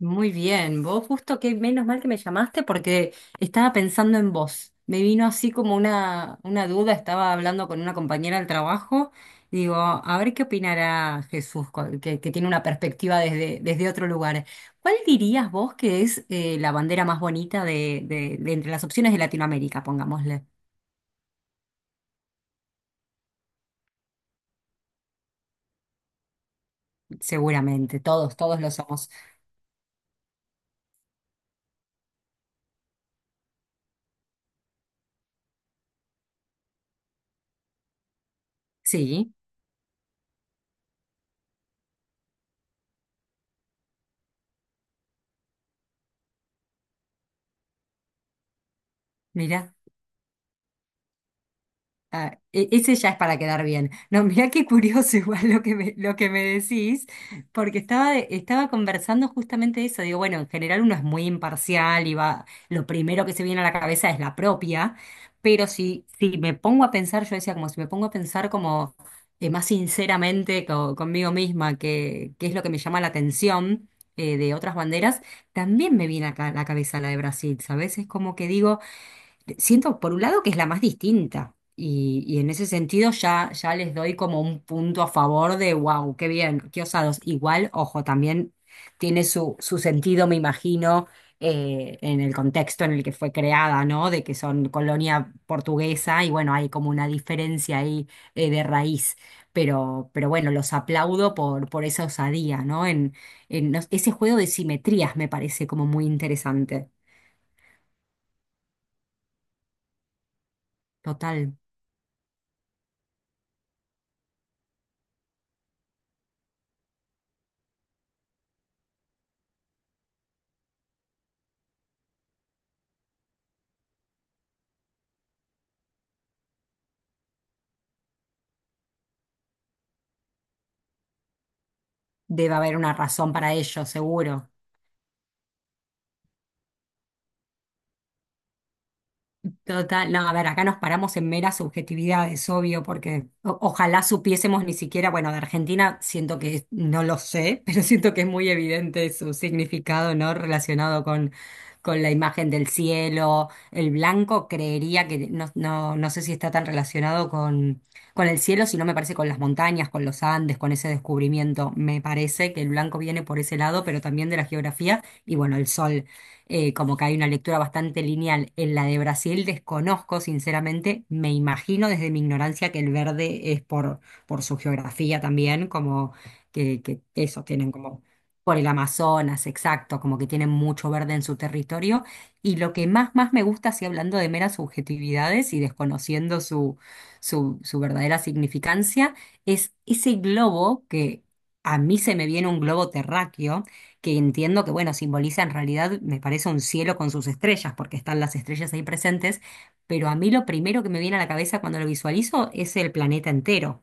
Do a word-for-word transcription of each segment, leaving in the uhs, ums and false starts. Muy bien, vos justo que menos mal que me llamaste porque estaba pensando en vos. Me vino así como una, una duda, estaba hablando con una compañera del trabajo y digo, a ver qué opinará Jesús, co- que, que tiene una perspectiva desde, desde otro lugar. ¿Cuál dirías vos que es eh, la bandera más bonita de, de, de entre las opciones de Latinoamérica, pongámosle? Seguramente, todos, todos lo somos. Sí, mira. Ah, e- ese ya es para quedar bien. No, mirá qué curioso igual lo que me, lo que me decís, porque estaba, de- estaba conversando justamente eso. Digo, bueno, en general uno es muy imparcial y va, lo primero que se viene a la cabeza es la propia, pero si, si me pongo a pensar, yo decía como si me pongo a pensar como eh, más sinceramente co- conmigo misma, que, que es lo que me llama la atención eh, de otras banderas, también me viene acá a la cabeza la de Brasil, ¿sabes? Es como que digo... Siento, por un lado, que es la más distinta. Y, y en ese sentido ya, ya les doy como un punto a favor de, wow, qué bien, qué osados. Igual, ojo, también tiene su, su sentido, me imagino, eh, en el contexto en el que fue creada, ¿no? De que son colonia portuguesa y bueno, hay como una diferencia ahí eh, de raíz. Pero, pero bueno, los aplaudo por, por esa osadía, ¿no? En, en los- ese juego de simetrías me parece como muy interesante. Total. Debe haber una razón para ello, seguro. Total, no, a ver, acá nos paramos en meras subjetividades, obvio, porque o- ojalá supiésemos ni siquiera, bueno, de Argentina siento que no lo sé, pero siento que es muy evidente su significado, ¿no? Relacionado con, con la imagen del cielo. El blanco creería que no, no, no sé si está tan relacionado con, con el cielo, sino me parece con las montañas, con los Andes, con ese descubrimiento. Me parece que el blanco viene por ese lado, pero también de la geografía y bueno, el sol. Eh, como que hay una lectura bastante lineal. En la de Brasil desconozco, sinceramente, me imagino desde mi ignorancia que el verde es por, por su geografía también, como que, que eso, tienen como por el Amazonas, exacto, como que tienen mucho verde en su territorio. Y lo que más, más me gusta, así hablando de meras subjetividades y desconociendo su, su, su verdadera significancia, es ese globo que... A mí se me viene un globo terráqueo, que entiendo que, bueno, simboliza en realidad, me parece un cielo con sus estrellas, porque están las estrellas ahí presentes, pero a mí lo primero que me viene a la cabeza cuando lo visualizo es el planeta entero.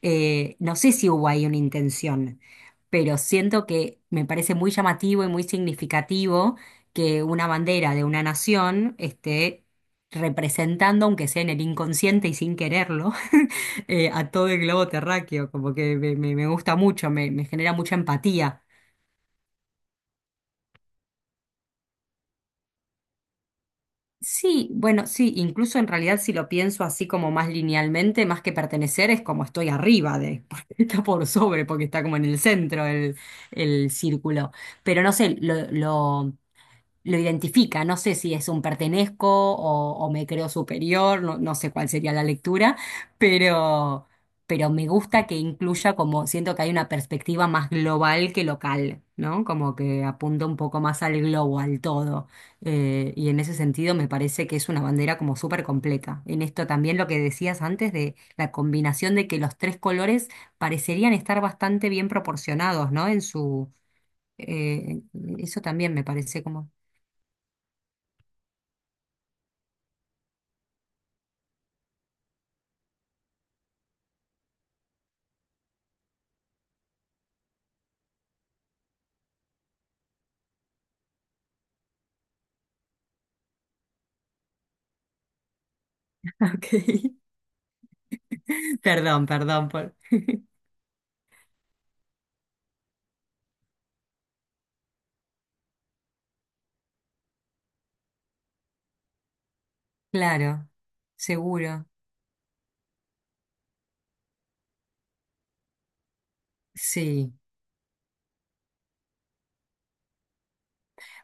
Eh, no sé si hubo ahí una intención, pero siento que me parece muy llamativo y muy significativo que una bandera de una nación esté representando, aunque sea en el inconsciente y sin quererlo, eh, a todo el globo terráqueo, como que me, me- me gusta mucho, me me genera mucha empatía. Sí, bueno, sí, incluso en realidad si lo pienso así como más linealmente, más que pertenecer, es como estoy arriba de, porque está por sobre, porque está como en el centro el, el círculo. Pero no sé, lo, lo- lo identifica. No sé si es un pertenezco o, o me creo superior, no, no sé cuál sería la lectura, pero, pero me gusta que incluya como siento que hay una perspectiva más global que local, ¿no? Como que apunta un poco más al globo, al todo. Eh, y en ese sentido me parece que es una bandera como súper completa. En esto también lo que decías antes de la combinación de que los tres colores parecerían estar bastante bien proporcionados, ¿no? En su... eh, eso también me parece como Ok. Perdón, perdón por. Claro, seguro. Sí.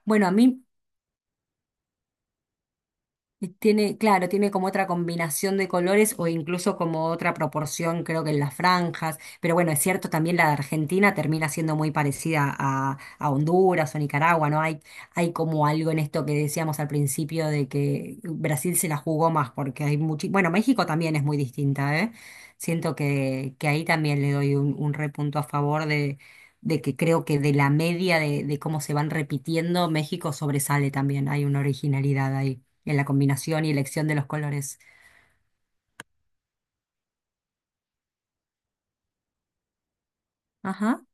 Bueno, a mí y tiene, claro, tiene como otra combinación de colores o incluso como otra proporción, creo que en las franjas. Pero bueno, es cierto, también la de Argentina termina siendo muy parecida a, a Honduras o Nicaragua, ¿no? Hay, hay como algo en esto que decíamos al principio de que Brasil se la jugó más porque hay mucho... Bueno, México también es muy distinta, ¿eh? Siento que, que ahí también le doy un, un repunto a favor de, de que creo que de la media de, de cómo se van repitiendo, México sobresale también, hay una originalidad ahí en la combinación y elección de los colores. Ajá,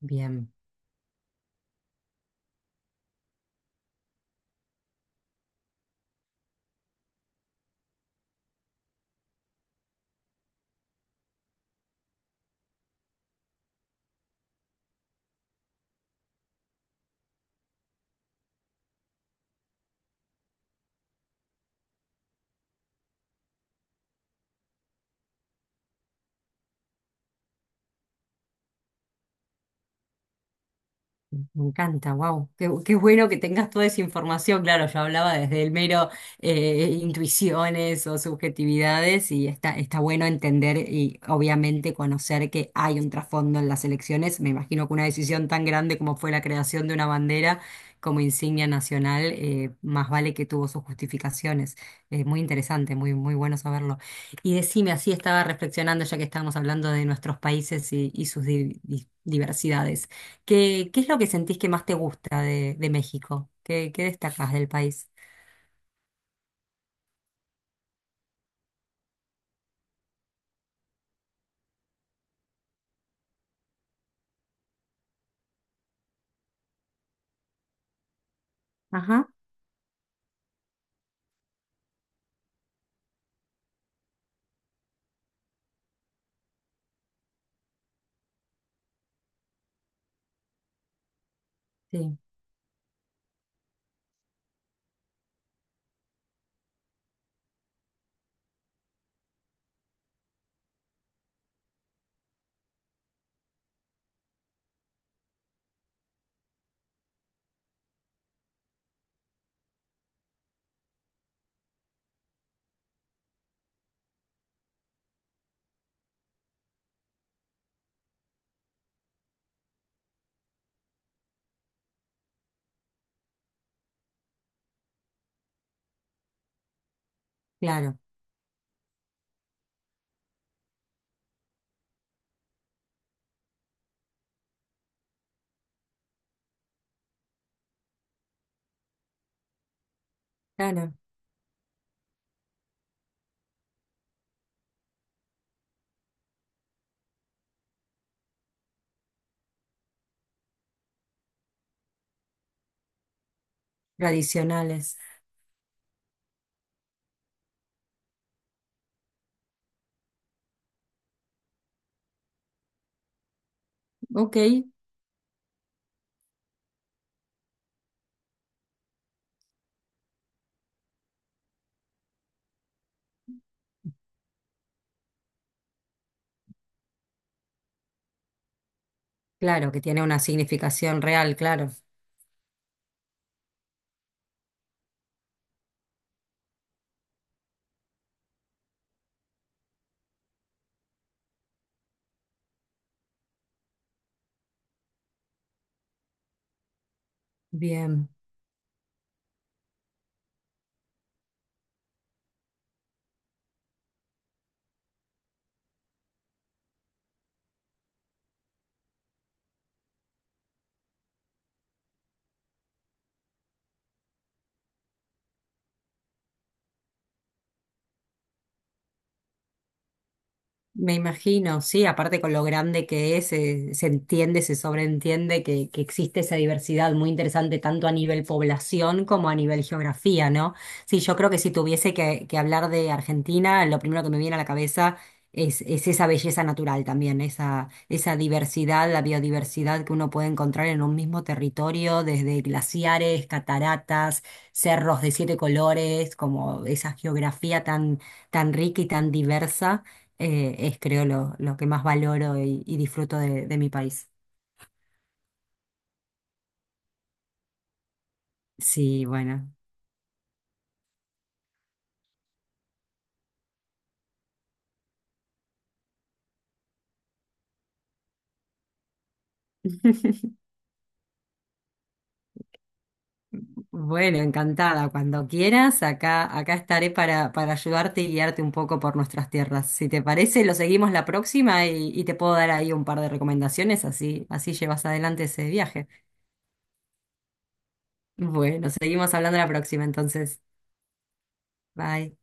bien. Me encanta, wow. Qué, qué bueno que tengas toda esa información. Claro, yo hablaba desde el mero eh, intuiciones o subjetividades y está, está bueno entender y obviamente conocer que hay un trasfondo en las elecciones. Me imagino que una decisión tan grande como fue la creación de una bandera como insignia nacional, eh, más vale que tuvo sus justificaciones. Es muy interesante, muy, muy bueno saberlo. Y decime, así estaba reflexionando ya que estábamos hablando de nuestros países y, y sus di- di- diversidades. ¿Qué, qué es lo que sentís que más te gusta de, de México? ¿Qué, qué destacás del país? Ajá, sí, claro, claro. Tradicionales. Ok, claro, que tiene una significación real, claro. Bien. Me imagino, sí, aparte con lo grande que es, eh, se entiende, se sobreentiende que, que existe esa diversidad muy interesante tanto a nivel población como a nivel geografía, ¿no? Sí, yo creo que si tuviese que, que hablar de Argentina, lo primero que me viene a la cabeza es, es esa belleza natural también, esa, esa diversidad, la biodiversidad que uno puede encontrar en un mismo territorio, desde glaciares, cataratas, cerros de siete colores, como esa geografía tan, tan rica y tan diversa eh, es creo lo, lo que más valoro y, y disfruto de, de mi país. Sí, bueno, bueno, encantada. Cuando quieras, acá, acá estaré para, para ayudarte y guiarte un poco por nuestras tierras. Si te parece, lo seguimos la próxima y, y te puedo dar ahí un par de recomendaciones, así, así llevas adelante ese viaje. Bueno, seguimos hablando la próxima entonces. Bye.